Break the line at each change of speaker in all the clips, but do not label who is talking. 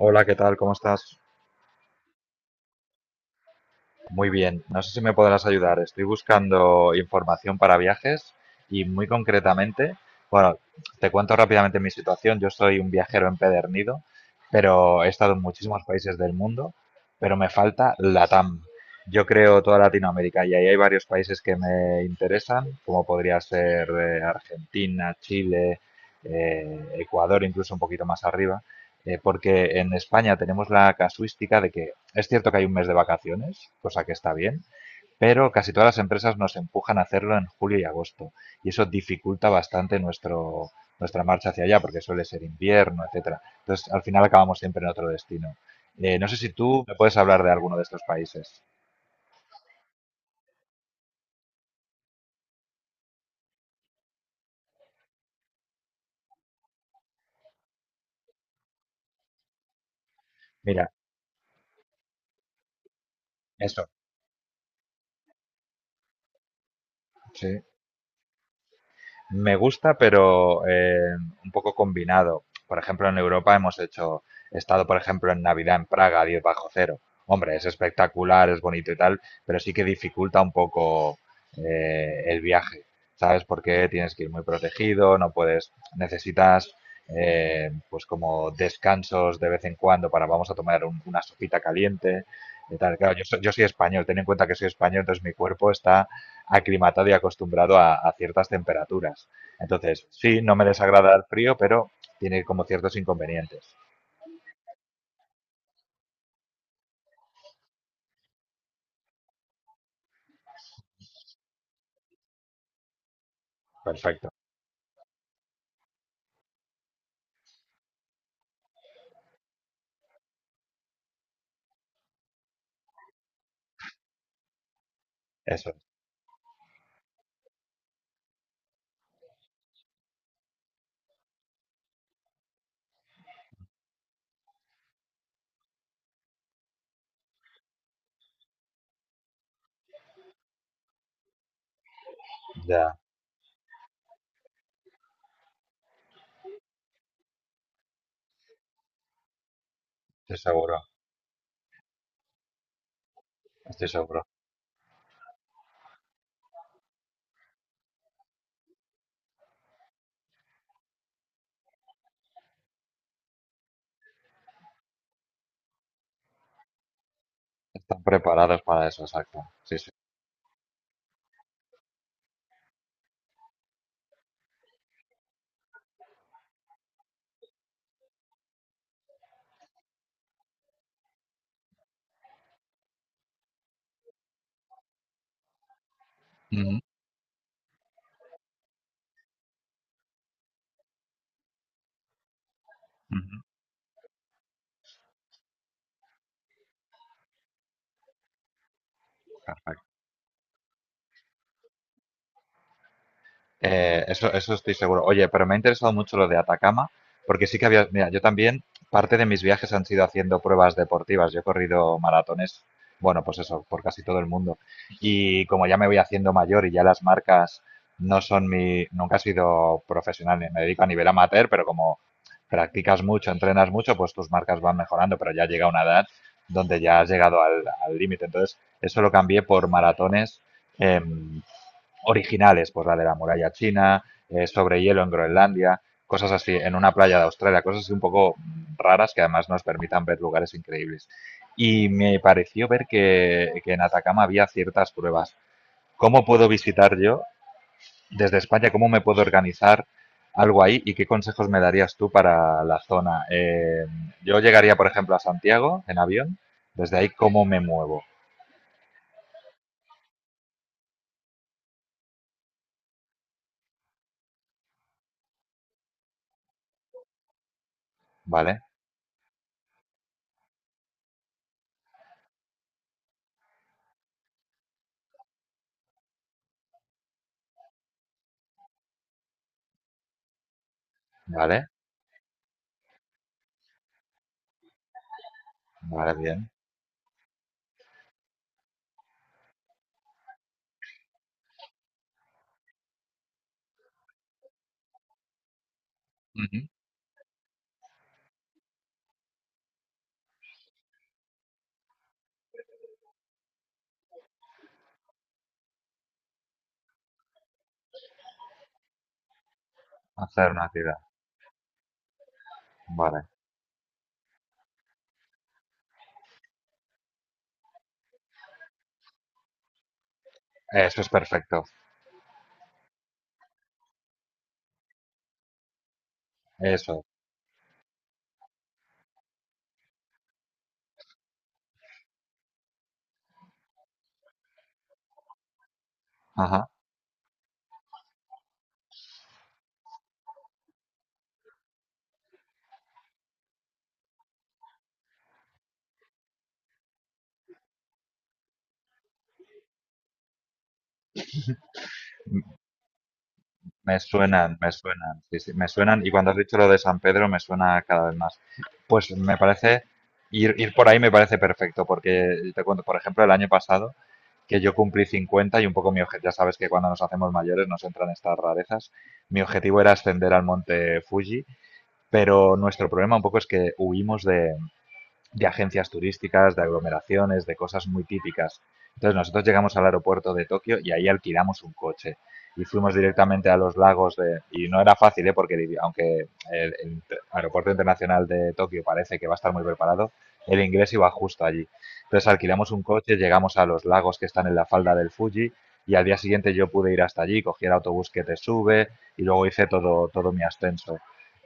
Hola, ¿qué tal? ¿Cómo estás? Muy bien. No sé si me podrás ayudar. Estoy buscando información para viajes y muy concretamente, bueno, te cuento rápidamente mi situación. Yo soy un viajero empedernido, pero he estado en muchísimos países del mundo, pero me falta LATAM. Yo creo toda Latinoamérica y ahí hay varios países que me interesan, como podría ser Argentina, Chile, Ecuador, incluso un poquito más arriba porque en España tenemos la casuística de que es cierto que hay un mes de vacaciones, cosa que está bien, pero casi todas las empresas nos empujan a hacerlo en julio y agosto y eso nuestra marcha hacia allá porque suele ser invierno, etcétera. Entonces, al final acabamos siempre en otro destino. No sé si tú me puedes hablar de alguno de estos países. Mira, eso. Sí. Me gusta, pero un poco combinado. Por ejemplo, en Europa hemos hecho, he estado, por ejemplo, en Navidad en Praga, a 10 bajo cero. Hombre, es espectacular, es bonito y tal, pero sí que dificulta un poco el viaje, ¿sabes? Porque tienes que ir muy protegido, no puedes, necesitas pues como descansos de vez en cuando para vamos a tomar una sopita caliente y tal. Claro, yo soy español, ten en cuenta que soy español, entonces mi cuerpo está aclimatado y acostumbrado a ciertas temperaturas. Entonces, sí, no me desagrada el frío, pero tiene como ciertos inconvenientes. Perfecto, eso, ya, estoy seguro, estoy seguro. Están preparados para eso, exacto. Sí, sí. Ujú, ujú. Perfecto. Eso, eso estoy seguro. Oye, pero me ha interesado mucho lo de Atacama, porque sí que había, mira, yo también, parte de mis viajes han sido haciendo pruebas deportivas. Yo he corrido maratones, bueno, pues eso, por casi todo el mundo. Y como ya me voy haciendo mayor y ya las marcas nunca he sido profesional, me dedico a nivel amateur, pero como practicas mucho, entrenas mucho, pues tus marcas van mejorando, pero ya llega una edad donde ya has llegado al límite. Entonces, eso lo cambié por maratones. em, originales, pues la de la muralla china, sobre hielo en Groenlandia, cosas así, en una playa de Australia, cosas así un poco raras que además nos permitan ver lugares increíbles. Y me pareció ver que en Atacama había ciertas pruebas. ¿Cómo puedo visitar yo desde España? ¿Cómo me puedo organizar algo ahí y qué consejos me darías tú para la zona? Yo llegaría, por ejemplo, a Santiago en avión. Desde ahí, ¿cómo me muevo? ¿Vale? ¿Vale? ¿Vale? Bien. Ujú. Hacer una ciudad. Vale. Eso es perfecto, eso. Ajá. M- me suenan, sí, sí, me suenan. Y cuando has dicho lo de San Pedro, me suena cada vez más. Pues me parece, ir por ahí me parece perfecto, porque te cuento, por ejemplo, el año pasado, que yo cumplí 50 y un poco mi objetivo, ya sabes que cuando nos hacemos mayores nos entran estas rarezas. Mi objetivo era ascender al monte Fuji, pero nuestro problema un poco es que huimos de agencias turísticas, de aglomeraciones, de cosas muy típicas. Entonces nosotros llegamos al aeropuerto de Tokio y ahí alquilamos un coche y fuimos directamente a los lagos de... Y no era fácil, ¿eh? Porque aunque el aeropuerto internacional de Tokio parece que va a estar muy preparado, el inglés iba justo allí. Entonces alquilamos un coche, llegamos a los lagos que están en la falda del Fuji y al día siguiente yo pude ir hasta allí, cogí el autobús que te sube y luego hice todo mi ascenso.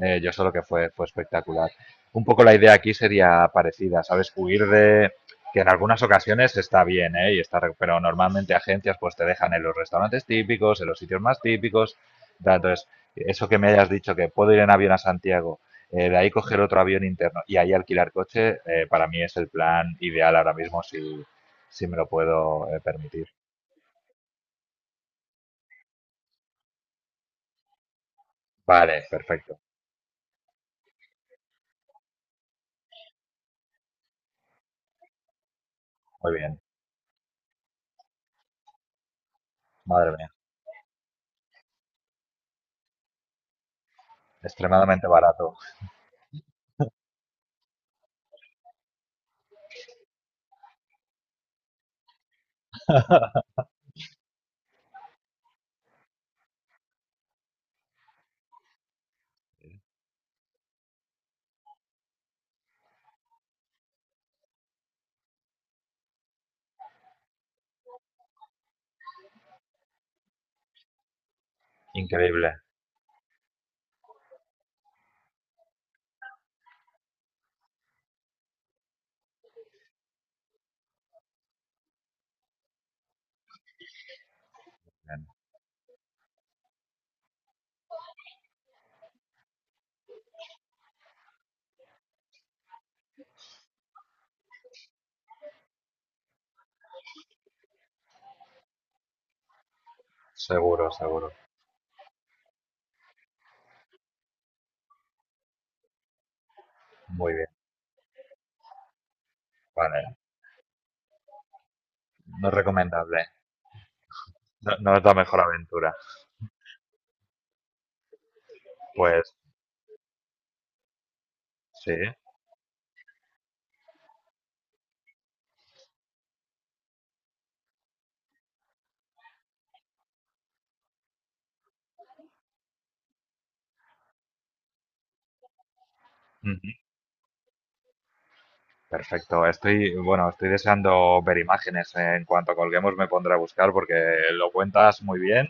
Yo solo que fue espectacular. Un poco la idea aquí sería parecida, ¿sabes? Huir de, que en algunas ocasiones está bien, ¿eh? Y está, pero normalmente agencias pues te dejan en los restaurantes típicos, en los sitios más típicos. Entonces, eso que me hayas dicho, que puedo ir en avión a Santiago, de ahí coger otro avión interno y ahí alquilar coche, para mí es el plan ideal ahora mismo si me lo puedo permitir. Vale, perfecto, muy bien, madre mía, extremadamente barato, increíble, bien, seguro, seguro, muy bien, vale. No es recomendable. No, no es la mejor aventura. Pues sí. Mm. Perfecto. Estoy, bueno, estoy deseando ver imágenes. En cuanto colguemos me pondré a buscar porque lo cuentas muy bien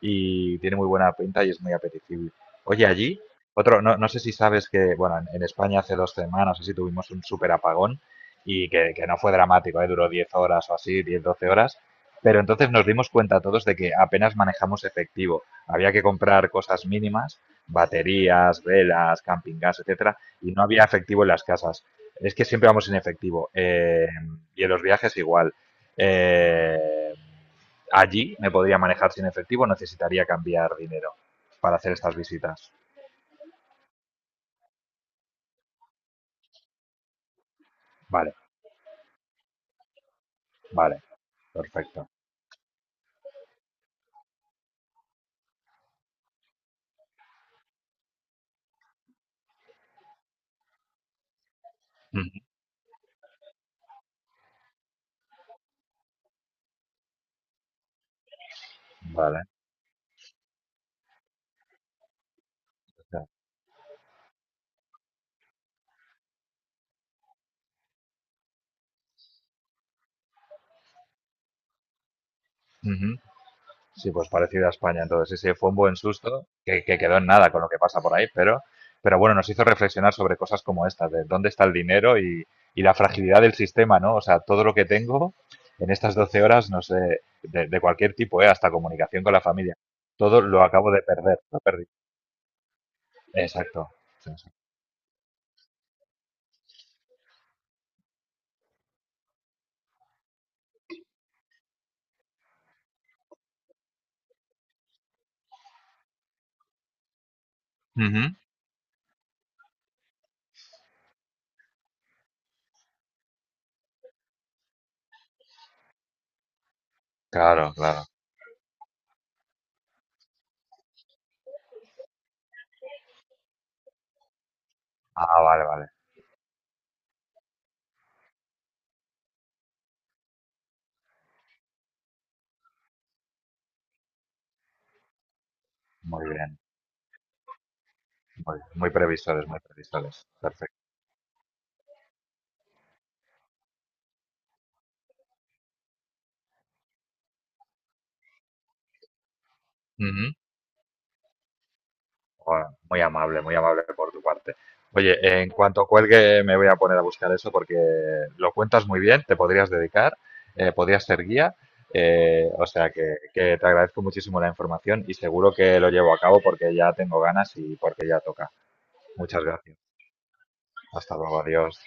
y tiene muy buena pinta y es muy apetecible. Oye, allí, otro, no, no sé si sabes que, bueno, en España hace 2 semanas así tuvimos un súper apagón que no fue dramático, ¿eh? Duró 10 horas o así, 10 12 horas. Pero entonces nos dimos cuenta todos de que apenas manejamos efectivo. Había que comprar cosas mínimas, baterías, velas, camping gas, etcétera, y no había efectivo en las casas. Es que siempre vamos en efectivo. Y en los viajes igual. Eh, allí me podría manejar sin efectivo, necesitaría cambiar dinero para hacer estas visitas. Vale, vale, perfecto. Vale. O sea, sí, pues parecido a España. Entonces, sí, sí, fue un buen susto que quedó en nada con lo que pasa por ahí, pero bueno, nos hizo reflexionar sobre cosas como estas, de dónde está el dinero y la fragilidad del sistema, ¿no? O sea, todo lo que tengo en estas 12 horas, no sé, de cualquier tipo, ¿eh? Hasta comunicación con la familia, todo lo acabo de perder, lo perdí. Exacto. Sí, sí. Ujú. Claro, claro. Ah, vale, vale. Muy bien. Muy, muy previsores, muy previsores. Perfecto. Ujú. Bueno, muy amable por tu parte. Oye, en cuanto cuelgue me voy a poner a buscar eso porque lo cuentas muy bien, te podrías dedicar, podrías ser guía, o sea que te agradezco muchísimo la información y seguro que lo llevo a cabo porque ya tengo ganas y porque ya toca. Muchas gracias. Hasta luego, adiós.